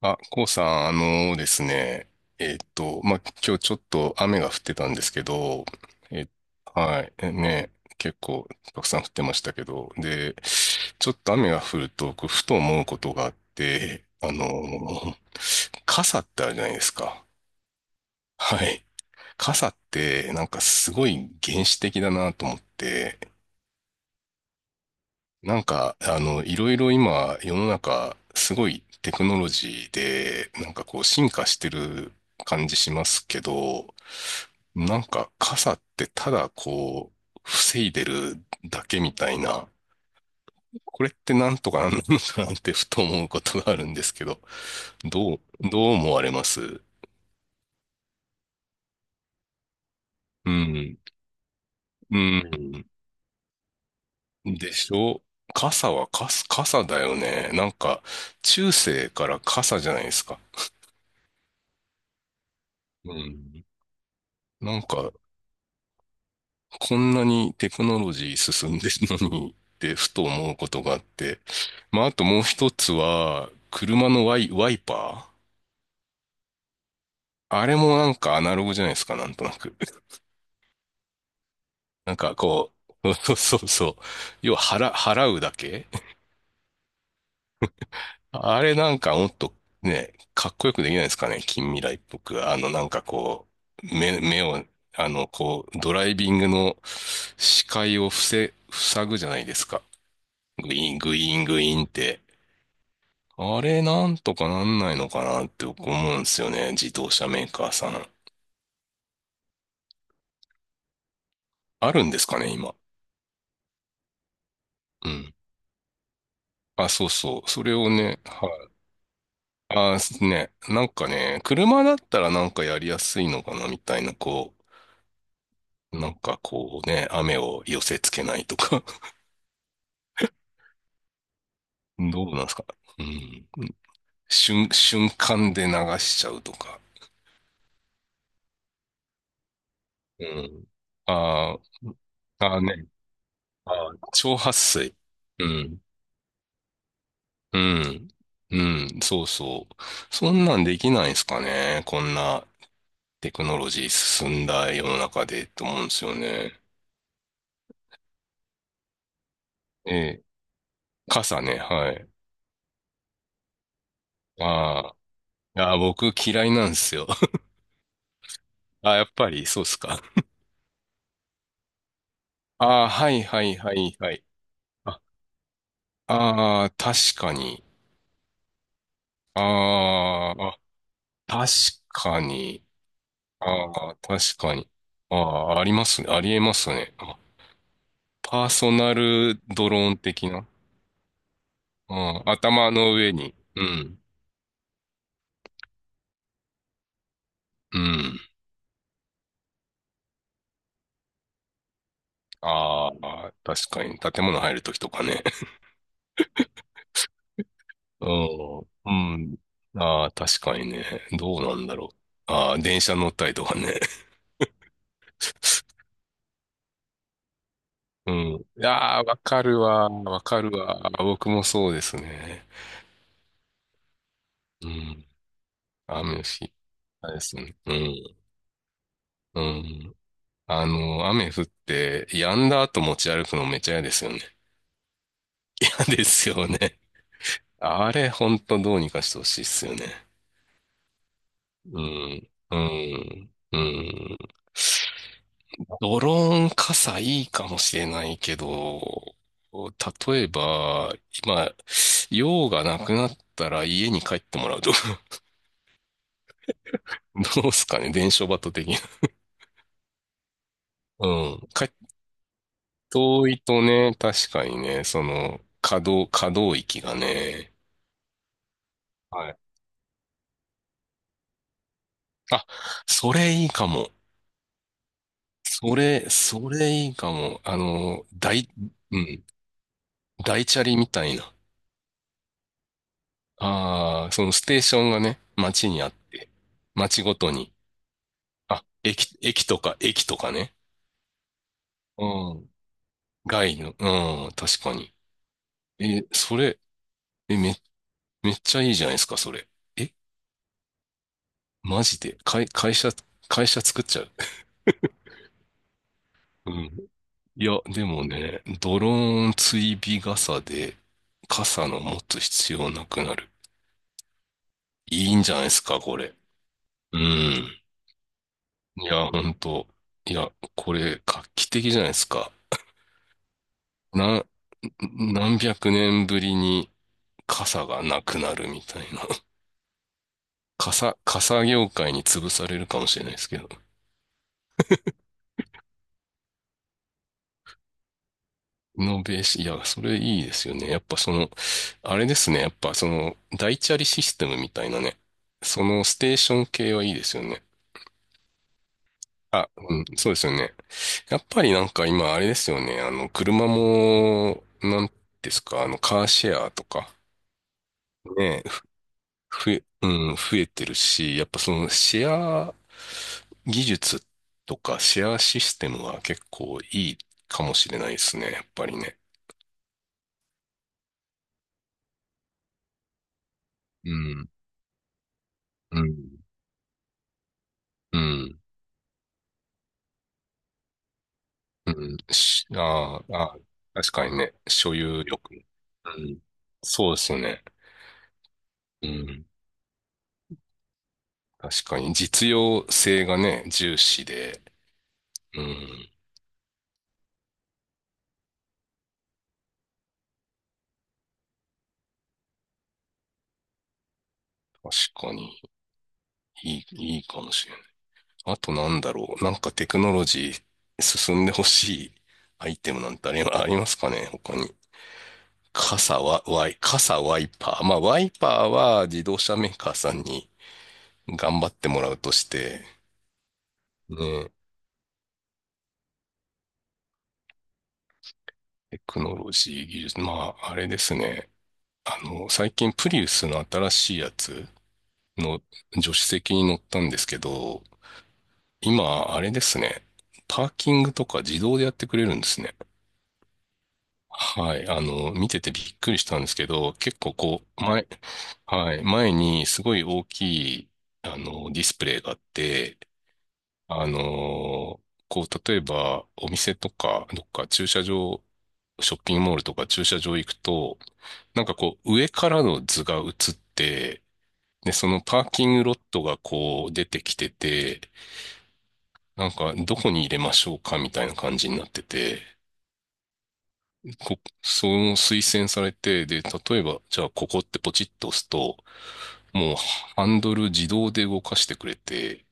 あ、こうさん、あのですね、今日ちょっと雨が降ってたんですけど、え、はい、結構たくさん降ってましたけど、で、ちょっと雨が降ると、こうふと思うことがあって、あの、傘ってあるじゃないですか。はい。傘って、なんかすごい原始的だなと思って、なんか、あの、いろいろ今、世の中、すごいテクノロジーで、なんかこう、進化してる感じしますけど、なんか、傘ってただこう、防いでるだけみたいな、これってなんとかなんのかなってふと思うことがあるんですけど、どう、どう思われます？うん。うん。でしょ？傘は傘、傘だよね。なんか、中世から傘じゃないですか。うん。なんか、こんなにテクノロジー進んでるのにってふと思うことがあって。まあ、あともう一つは、車のワイパー。あれもなんかアナログじゃないですか、なんとなく。なんかこう、そうそうそう。要は払うだけ。あれなんかもっとね、かっこよくできないですかね、近未来っぽく。あの、なんかこう、目を、あの、こう、ドライビングの視界を塞ぐじゃないですか。グイーン、グイーン、グイーンって。あれなんとかなんないのかなって僕思うんですよね。自動車メーカーさん。あるんですかね、今。うん。あ、そうそう。それをね、はい。あ、ね。なんかね、車だったらなんかやりやすいのかな、みたいな、こう、なんかこうね、雨を寄せつけないとか。どうなんですか。うん。瞬間で流しちゃうとか。うん。あー、あーね。あー、超撥水。うん。うん。うん。そうそう。そんなんできないですかね。こんなテクノロジー進んだ世の中でと思うんですよね。ええ。傘ね。はい。ああ。ああ、僕嫌いなんですよ。ああ、やっぱりそうっすか。ああ、はいはいはいはい。ああー、確かに。あーあ、確かに。ああ、確かに。ああ、ありますね。ありえますね。あ、パーソナルドローン的な。ああ、頭の上に。うん。うん。ああ、確かに。建物入るときとかね。うん。うん。ああ、確かにね。どうなんだろう。ああ、電車乗ったりとかね。うん。いやあ、わかるわ。わかるわ。僕もそうですね。うん。雨の日。あれですね。うん。うん。あの、雨降って、止んだ後持ち歩くのめっちゃ嫌ですよね。嫌ですよね。あれ、ほんとどうにかしてほしいっすよね。うん、うん、うん。ドローン傘いいかもしれないけど、例えば、今、用がなくなったら家に帰ってもらうとか、どうすかね、伝承バト的な。うん。帰って遠いとね、確かにね、その、可動域がね。はい。あ、それいいかも。それいいかも。あの、大、うん、大チャリみたいな。ああ、そのステーションがね、街にあって、街ごとに、あ、駅とかね。うん。街の、うん、確かに。え、それ、え、め、めっちゃいいじゃないですか、それ。え、マジで、会社作っちゃう。うん。いや、でもね、ドローン追尾傘で、傘の持つ必要なくなる。いいんじゃないですか、これ。うん。いや、ほんと。いや、これ、画期的じゃないですか。な、何百年ぶりに傘がなくなるみたいな。傘業界に潰されるかもしれないですけど。イノベーション、いや、それいいですよね。やっぱその、あれですね。やっぱその、大チャリシステムみたいなね。そのステーション系はいいですよね。あ、うん、そうですよね。やっぱりなんか今あれですよね。あの、車も、なんですか、あの、カーシェアとか。ね、増え、うん、増えてるし、やっぱそのシェア技術とかシェアシステムは結構いいかもしれないですね、やっぱりね。うん、うん、うん、うん。し、あーあー、確かにね、所有欲。うん、そうですよね。うん、確かに実用性がね、重視で、うん、確かにいい、いいかもしれない。あとなんだろう。なんかテクノロジー進んでほしいアイテムなんてあり、ありますかね他に。傘は、ワイ、傘ワイパー。まあ、ワイパーは自動車メーカーさんに頑張ってもらうとして、ね、テクノロジー技術。まあ、あれですね。あの、最近プリウスの新しいやつの助手席に乗ったんですけど、今、あれですね。パーキングとか自動でやってくれるんですね。はい。あの、見ててびっくりしたんですけど、結構こう、前、はい。前にすごい大きい、あの、ディスプレイがあって、あの、こう、例えばお店とか、どっか駐車場、ショッピングモールとか駐車場行くと、なんかこう、上からの図が映って、で、そのパーキングロットがこう出てきてて、なんかどこに入れましょうかみたいな感じになってて、こ、その推薦されて、で、例えば、じゃあここってポチッと押すと、もうハンドル自動で動かしてくれて、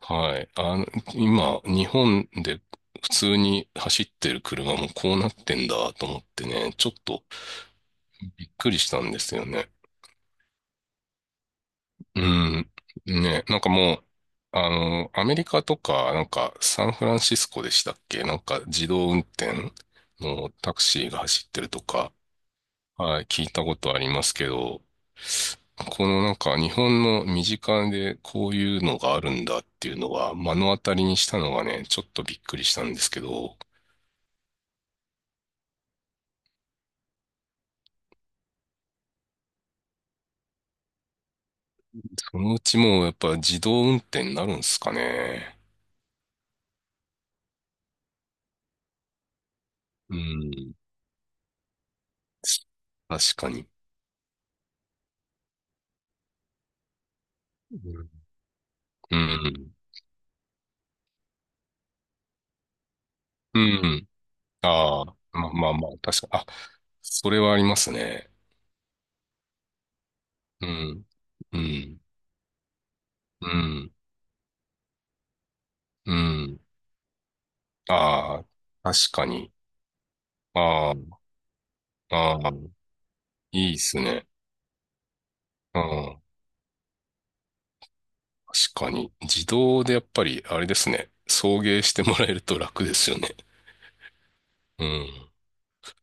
はい。あの、今、日本で普通に走ってる車もこうなってんだと思ってね、ちょっとびっくりしたんですよね。うん。ね、なんかもう、あの、アメリカとか、なんかサンフランシスコでしたっけ、なんか自動運転のタクシーが走ってるとか、はい、聞いたことありますけど、このなんか日本の身近でこういうのがあるんだっていうのは目の当たりにしたのがね、ちょっとびっくりしたんですけど、そのうちもうやっぱ自動運転になるんですかね。うん。確かに。うん。うん。うん。ああ、まあまあまあ、確か、あ、それはありますね。うん。うん。うん。うん。ああ、確かに。ああ、ああ。いいっすね。うん。確かに。自動でやっぱり、あれですね。送迎してもらえると楽ですよね。うん。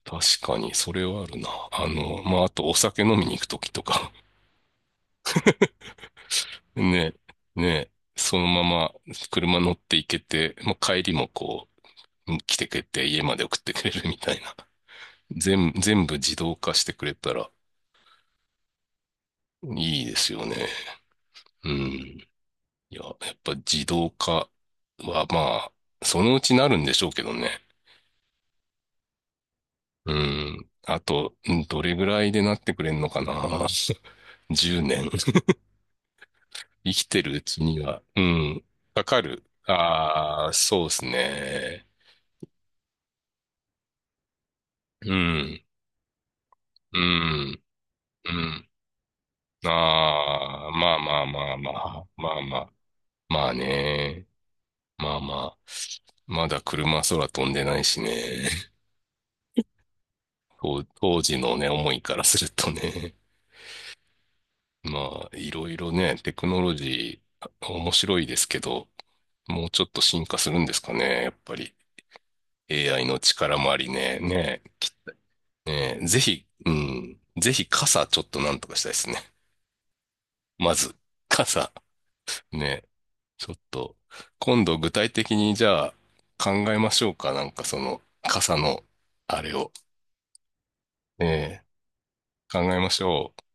確かに、それはあるな。あの、まあ、あとお酒飲みに行くときとか。ね、ね、そのまま車乗って行けて、まあ、帰りもこう、来てくれて家まで送ってくれるみたいな。全部自動化してくれたらいいですよね。うん。いや、やっぱ自動化はまあ、そのうちなるんでしょうけどね。うん。あと、うん、どれぐらいでなってくれんのかな？ 10 年。 生きてるうちには、うん。かかる。ああ、そうですね。うん。うん。うん。ああ、まあまあまあまあ。まあまあ。まあね。まあまあ。まだ車空飛んでないしね。当時のね、思いからするとね。まあ、いろいろね、テクノロジー、面白いですけど、もうちょっと進化するんですかね、やっぱり。AI の力もありね。ねえ、ぜひ、うん、ぜひ傘ちょっとなんとかしたいですね。まず、傘。ねえ、ちょっと、今度具体的にじゃあ考えましょうか。なんかその傘のあれを、ねえ、考えましょう。